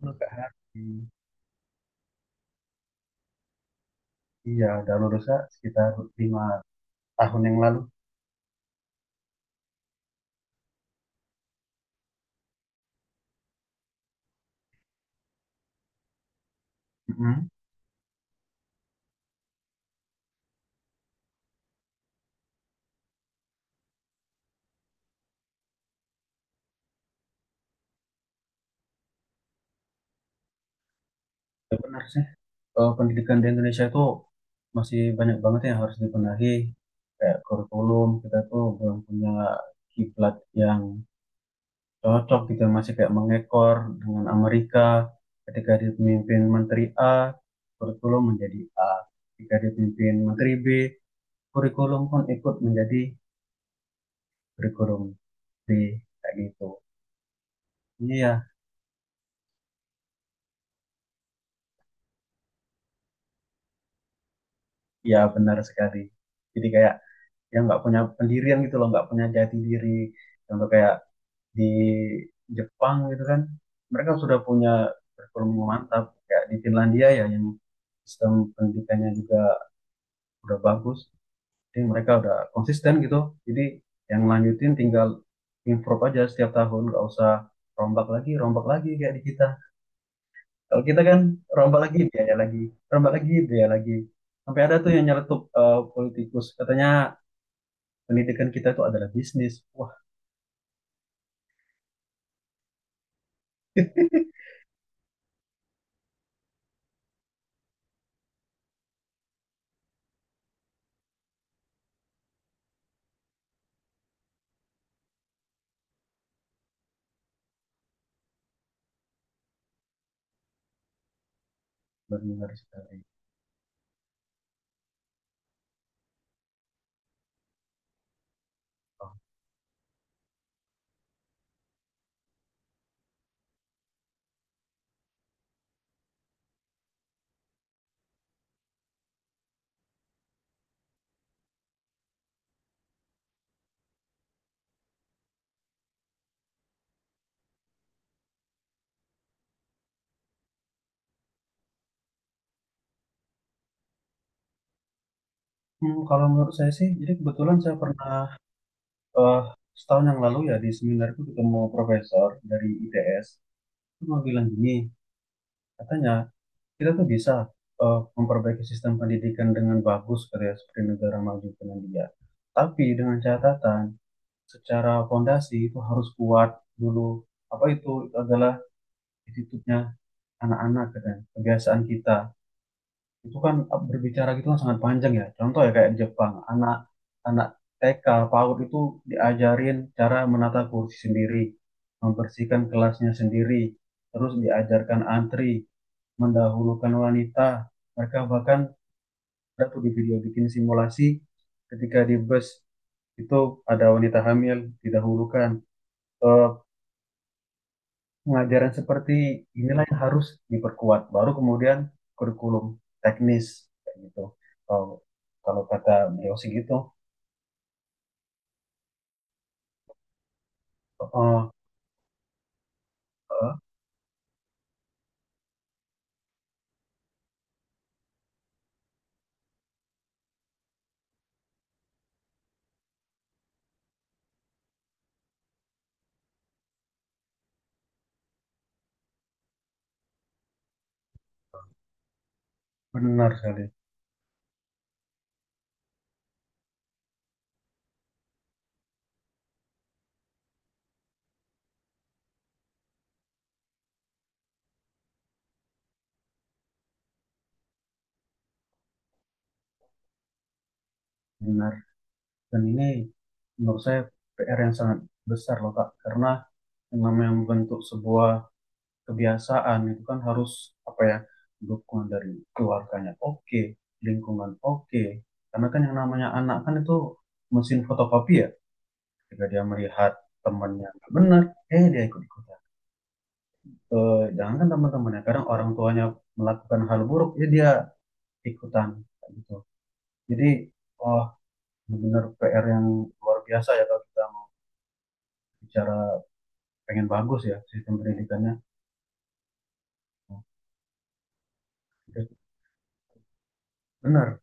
PHI. Iya, udah lulusnya sekitar 5 tahun yang lalu. Mm-mm. Ya benar sih. Pendidikan di Indonesia itu masih banyak banget yang harus dibenahi. Kayak kurikulum kita tuh belum punya kiblat yang cocok gitu, masih kayak mengekor dengan Amerika. Ketika dipimpin Menteri A, kurikulum menjadi A. Ketika dipimpin Menteri B, kurikulum pun ikut menjadi kurikulum B, kayak gitu. Iya, iya, benar sekali. Jadi kayak yang nggak punya pendirian gitu loh, nggak punya jati diri. Contoh kayak di Jepang gitu kan, mereka sudah punya kurikulum yang mantap. Kayak di Finlandia ya, yang sistem pendidikannya juga udah bagus. Jadi mereka udah konsisten gitu. Jadi yang lanjutin tinggal improve aja setiap tahun, nggak usah rombak lagi kayak di kita. Kalau kita kan rombak lagi, biaya lagi, rombak lagi, biaya lagi. Sampai ada tuh yang nyeletuk, politikus, katanya pendidikan kita itu adalah bisnis. Wah, benar sekali. Oh. Hmm, kalau menurut saya sih, jadi kebetulan saya pernah, eh, setahun yang lalu ya di seminar itu ketemu profesor dari ITS. Itu mau bilang gini, katanya kita tuh bisa memperbaiki sistem pendidikan dengan bagus kayak seperti negara maju Finlandia. Tapi dengan catatan, secara fondasi itu harus kuat dulu. Apa itu? Itu adalah attitude-nya anak-anak katanya. Kebiasaan kita itu kan, berbicara gitu kan sangat panjang ya. Contoh ya kayak di Jepang, anak anak TK PAUD itu diajarin cara menata kursi sendiri, membersihkan kelasnya sendiri, terus diajarkan antri, mendahulukan wanita. Mereka bahkan ada tuh di video bikin simulasi, ketika di bus itu ada wanita hamil didahulukan. Eh, Pengajaran seperti inilah yang harus diperkuat. Baru kemudian kurikulum teknis kayak gitu. Kalau kalau kata beliau sih gitu. Oh, eh, benar sekali, benar. Dan ini menurut saya PR yang sangat besar loh Kak, karena yang namanya membentuk sebuah kebiasaan itu kan harus, apa ya, dukungan dari keluarganya oke, lingkungan oke. Karena kan yang namanya anak kan itu mesin fotokopi ya. Ketika dia melihat temannya nggak benar, dia ikut ikutan. Jangan kan teman-temannya, kadang orang tuanya melakukan hal buruk ya dia ikutan gitu. Jadi oh, benar, PR yang luar biasa ya kalau kita mau bicara pengen bagus ya sistem pendidikannya. Benar.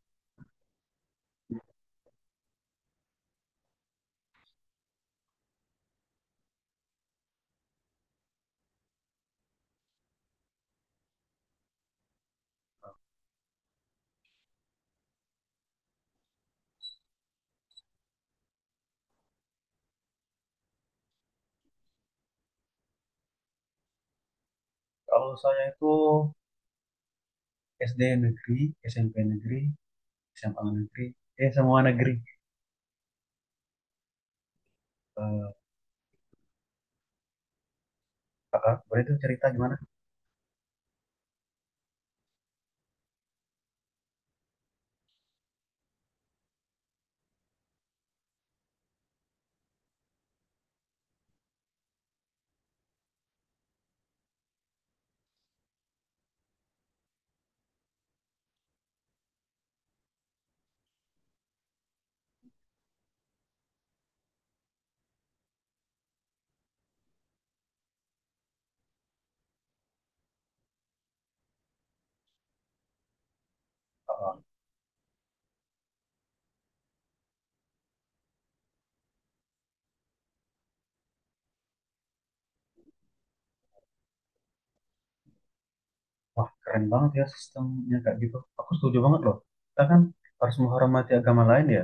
Kalau saya itu SD negeri, SMP negeri, SMA negeri, semua negeri. eh Boleh tuh cerita gimana. Eh, Wah, keren banget ya sistemnya kayak gitu. Aku setuju banget loh. Kita kan harus menghormati agama lain ya.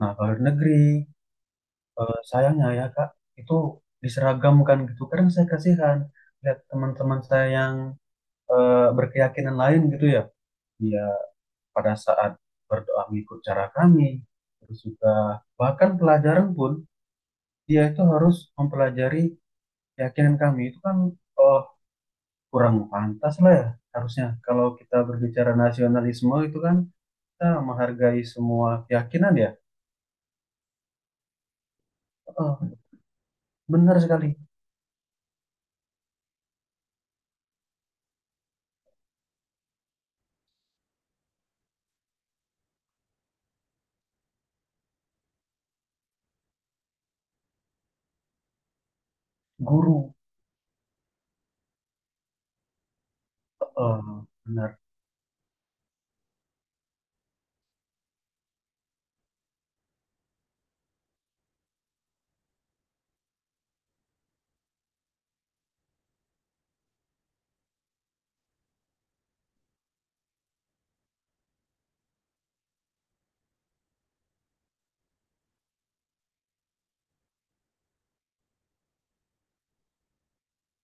Nah, kalau di negeri, sayangnya ya Kak, itu diseragamkan gitu. Kadang saya kasihan lihat teman-teman saya yang berkeyakinan lain gitu ya. Dia pada saat berdoa mengikut cara kami, terus juga bahkan pelajaran pun dia itu harus mempelajari keyakinan kami. Itu kan eh, kurang pantas lah ya. Harusnya kalau kita berbicara nasionalisme itu kan kita menghargai semua keyakinan ya. Heeh, benar sekali. Guru. Heeh, benar.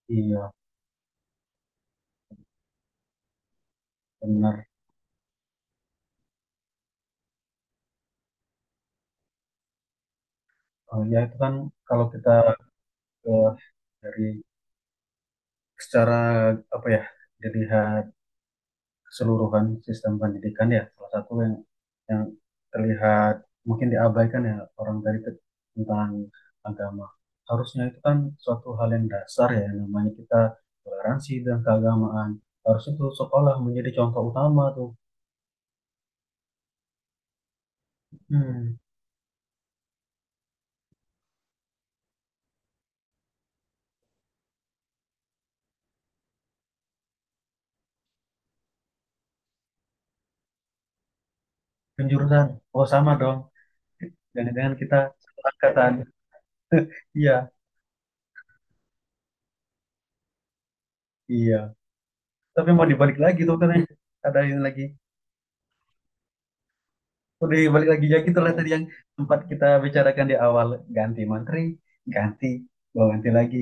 Iya, benar. Ya itu kan, kalau kita eh, dari secara, apa ya, dilihat keseluruhan sistem pendidikan ya, salah satu yang terlihat mungkin diabaikan ya orang dari tentang agama. Harusnya itu kan suatu hal yang dasar ya, yang namanya kita toleransi dan keagamaan. Harusnya itu sekolah menjadi contoh utama tuh. Hmm. Penjurusan. Oh, sama dong. Jangan-jangan kita satu angkatan. Iya, iya. Tapi mau dibalik lagi tuh katanya, ada yang lagi udah balik lagi ya, gitu lah tadi yang sempat kita bicarakan di awal. Ganti menteri, ganti, bawa ganti lagi,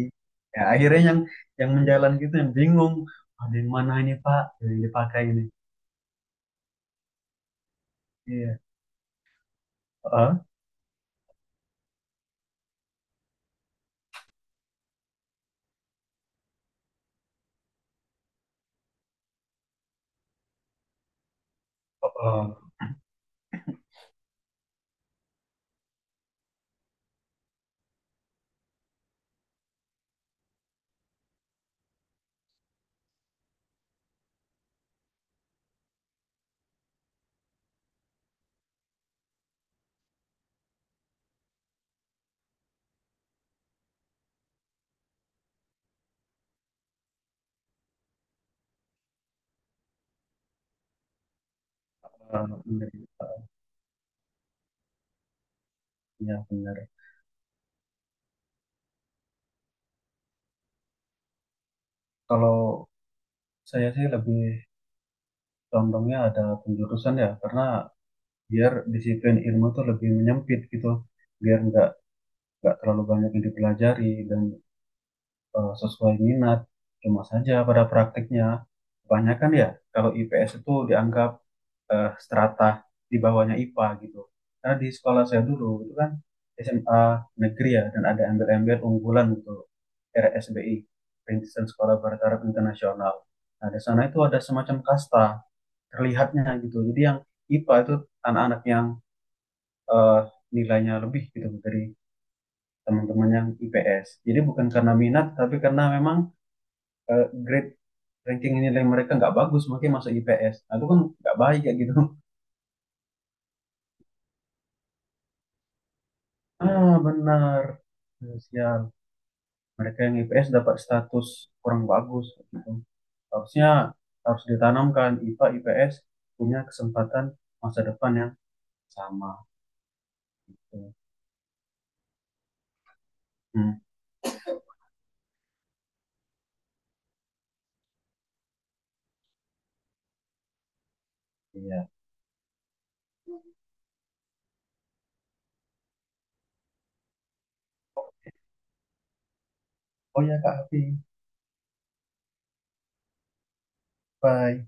ya akhirnya yang menjalan gitu yang bingung, ada yang mana ini Pak yang dipakai ini. Iya. Oh, oh, oh, oh, bener. Iya, bener. Kalau saya sih lebih condongnya ada penjurusan ya, karena biar disiplin ilmu tuh lebih menyempit gitu, biar nggak terlalu banyak yang dipelajari dan sesuai minat. Cuma saja pada praktiknya kebanyakan ya kalau IPS itu dianggap, strata di bawahnya IPA gitu, karena di sekolah saya dulu itu kan SMA negeri ya dan ada embel-embel unggulan gitu, RSBI, Perintisan Sekolah Barat Arab Internasional. Nah, di sana itu ada semacam kasta terlihatnya gitu. Jadi yang IPA itu anak-anak yang eh, nilainya lebih gitu dari teman-teman yang IPS. Jadi bukan karena minat, tapi karena memang grade ranking nilai mereka nggak bagus, makanya masuk IPS. Nah, itu kan nggak baik kayak gitu. Ah, benar. Ya, sial. Mereka yang IPS dapat status kurang bagus gitu. Harusnya harus ditanamkan IPA IPS punya kesempatan masa depan yang sama. Hmm, iya. Oh ya Kak Hafi, bye.